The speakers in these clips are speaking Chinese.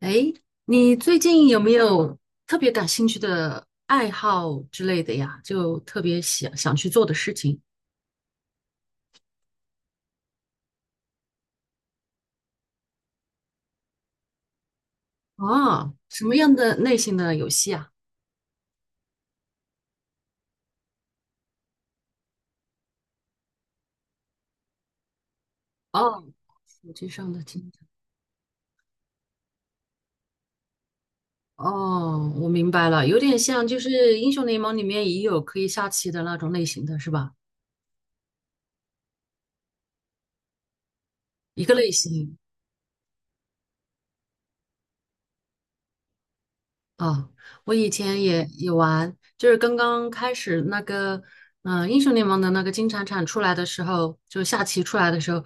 哎，你最近有没有特别感兴趣的爱好之类的呀？就特别想去做的事情啊？什么样的类型的游戏啊？哦，手机上的竞技。哦，我明白了，有点像就是英雄联盟里面也有可以下棋的那种类型的是吧？一个类型。哦，我以前也玩，就是刚刚开始那个，英雄联盟的那个金铲铲出来的时候，就下棋出来的时候，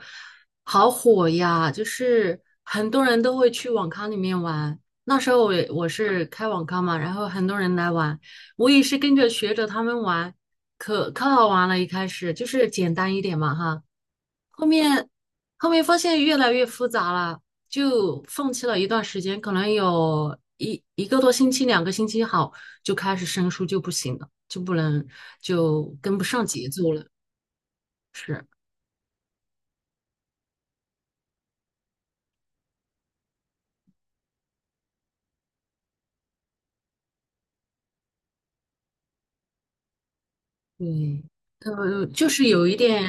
好火呀！就是很多人都会去网咖里面玩。那时候我是开网咖嘛，然后很多人来玩，我也是跟着学着他们玩，可好玩了。一开始就是简单一点嘛，哈。后面后面发现越来越复杂了，就放弃了一段时间，可能有一个多星期、两个星期好，就开始生疏就不行了，就跟不上节奏了。是，对，就是有一点，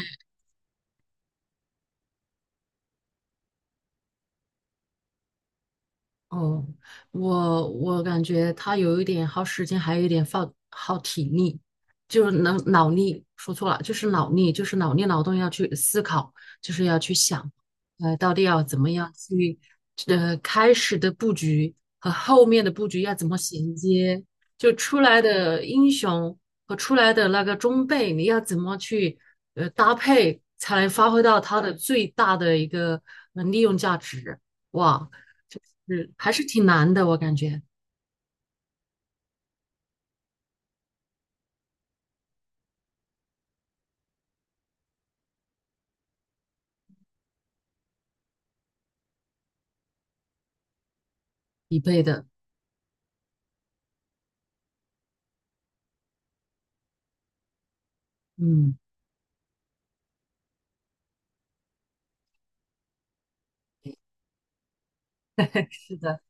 哦，我感觉他有一点耗时间，还有一点耗体力，就是能脑力，说错了，就是脑力，就是脑力劳动要去思考，就是要去想，到底要怎么样去，开始的布局和后面的布局要怎么衔接，就出来的英雄和出来的那个装备，你要怎么去搭配，才能发挥到它的最大的一个利用价值。哇，是还是挺难的，我感觉一倍的。嗯，是的，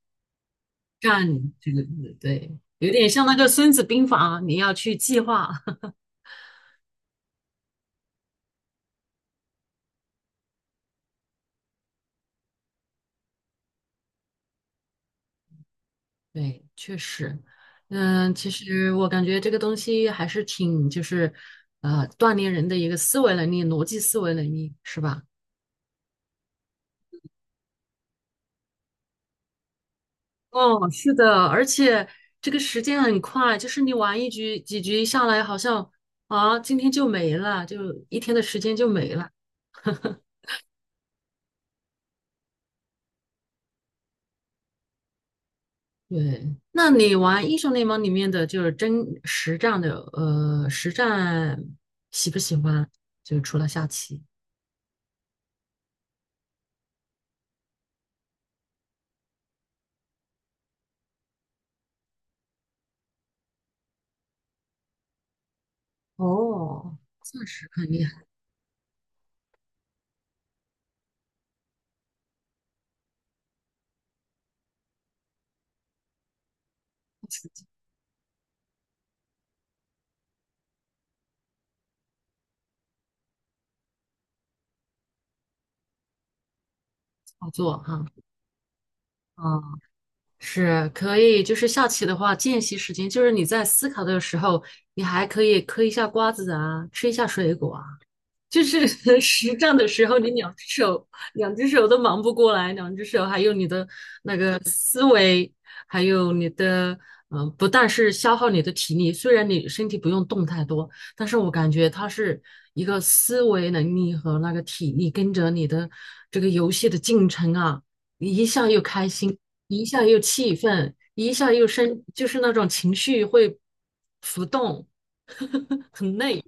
战这个字，对，有点像那个《孙子兵法》，你要去计划。对，确实，嗯，其实我感觉这个东西还是挺，就是锻炼人的一个思维能力、逻辑思维能力，是吧？哦，是的，而且这个时间很快，就是你玩一局几局下来，好像啊，今天就没了，就一天的时间就没了。对，那你玩英雄联盟里面的就是真实战的，实战喜不喜欢？就除了下棋，哦，钻石肯定很操作哈。啊，是可以，就是下棋的话，间隙时间就是你在思考的时候，你还可以嗑一下瓜子啊，吃一下水果啊，就是 实战的时候，你两只手都忙不过来，两只手还有你的那个思维，还有你的不但是消耗你的体力，虽然你身体不用动太多，但是我感觉它是一个思维能力和那个体力跟着你的这个游戏的进程啊，你一下又开心，一下又气愤，一下又生，就是那种情绪会浮动，很累，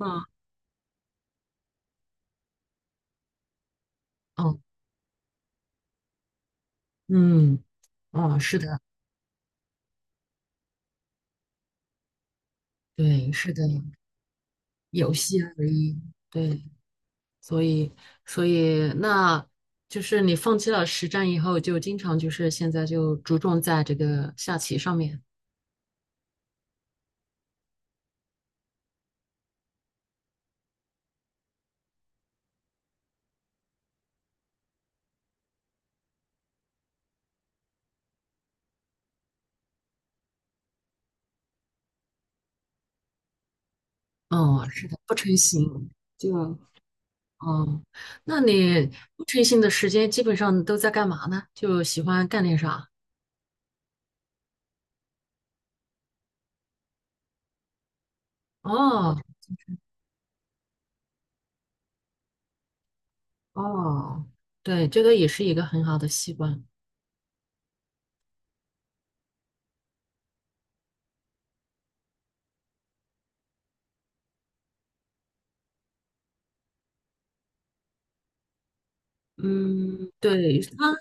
嗯。哦，嗯，哦，是的，对，是的，游戏而已，对，所以，所以，那就是你放弃了实战以后，就经常就是现在就着重在这个下棋上面。哦，是的，不成形，就，哦，那你不成形的时间基本上都在干嘛呢？就喜欢干点啥？哦，哦，对，这个也是一个很好的习惯。嗯，对，他。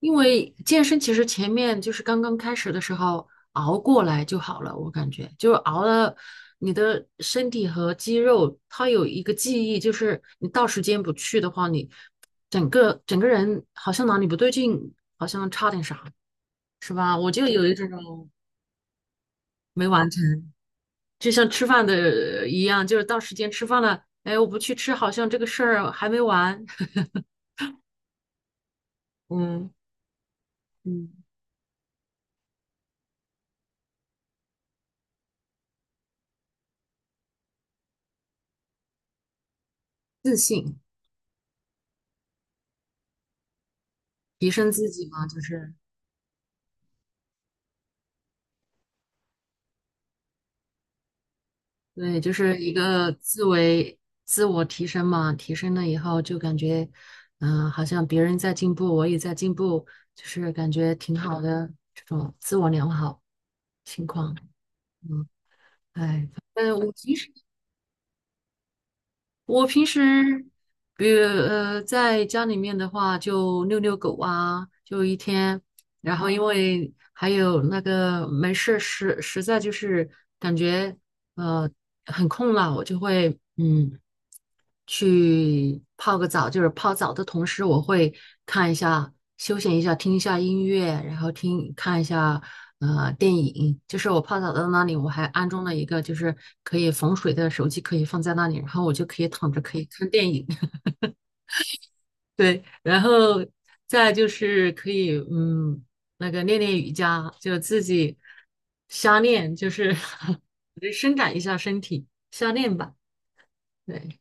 因为健身其实前面就是刚刚开始的时候熬过来就好了，我感觉就是熬了，你的身体和肌肉它有一个记忆，就是你到时间不去的话，你整个人好像哪里不对劲，好像差点啥，是吧？我就有一这种没完成，就像吃饭的一样，就是到时间吃饭了，哎，我不去吃，好像这个事儿还没完。嗯，嗯，自信，提升自己嘛，就是。对，就是一个自为自我提升嘛，提升了以后就感觉，好像别人在进步，我也在进步，就是感觉挺好的这种自我良好情况。嗯，哎，反正我平时，比如在家里面的话，就遛遛狗啊，就一天，然后因为还有那个没事实实在就是感觉呃很空了，我就会去泡个澡，就是泡澡的同时，我会看一下休闲一下，听一下音乐，然后听看一下电影。就是我泡澡的那里，我还安装了一个就是可以防水的手机，可以放在那里，然后我就可以躺着可以看电影。对，然后再就是可以，嗯，那个练练瑜伽，就自己瞎练，就是 就伸展一下身体，瞎练吧。对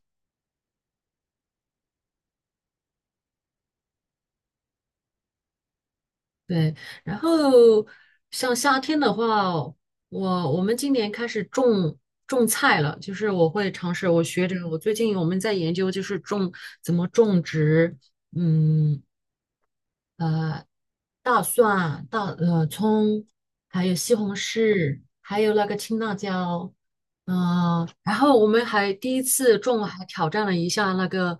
对，然后像夏天的话，我们今年开始种菜了，就是我会尝试，我学着，我最近我们在研究，就是种怎么种植，嗯，大蒜、大葱，还有西红柿，还有那个青辣椒，然后我们还第一次种，还挑战了一下那个，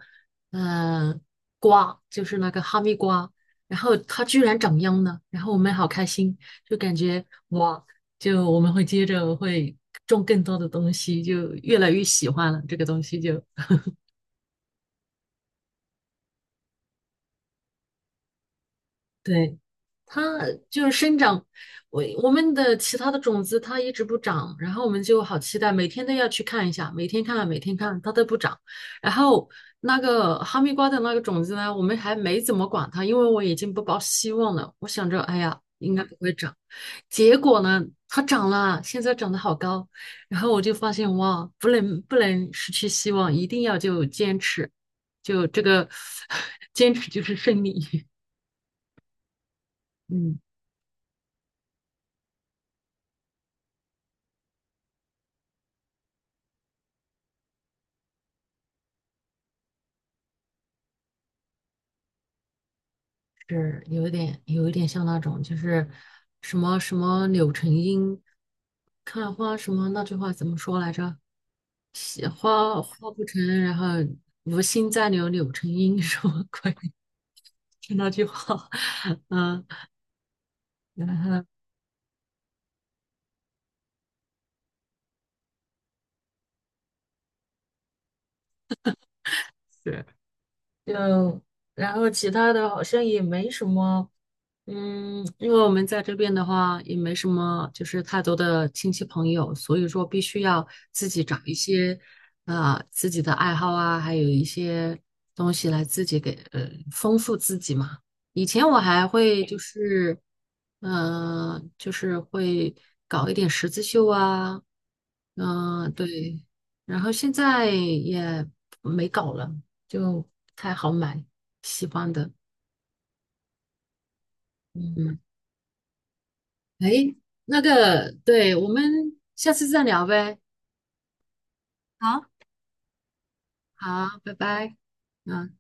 呃，瓜，就是那个哈密瓜，然后它居然长秧了，然后我们好开心，就感觉哇，就我们会接着会种更多的东西，就越来越喜欢了这个东西就。对，它就是生长，我们的其他的种子它一直不长，然后我们就好期待，每天都要去看一下，每天看，每天看，它都不长。然后那个哈密瓜的那个种子呢，我们还没怎么管它，因为我已经不抱希望了。我想着，哎呀，应该不会长。结果呢，它长了，现在长得好高。然后我就发现，哇，不能失去希望，一定要就坚持，就这个 坚持就是胜利。嗯。是有一点像那种，就是什么什么柳成荫看花什么那句话怎么说来着？喜花花不成，然后无心再留柳成荫 什么鬼？就那句话，嗯，然后。就然后其他的好像也没什么，嗯，因为我们在这边的话也没什么，就是太多的亲戚朋友，所以说必须要自己找一些，自己的爱好啊，还有一些东西来自己给丰富自己嘛。以前我还会就是，就是会搞一点十字绣啊，对，然后现在也没搞了。就不太好买喜欢的。嗯，嗯，诶，那个，对，我们下次再聊呗。好。好，拜拜。嗯。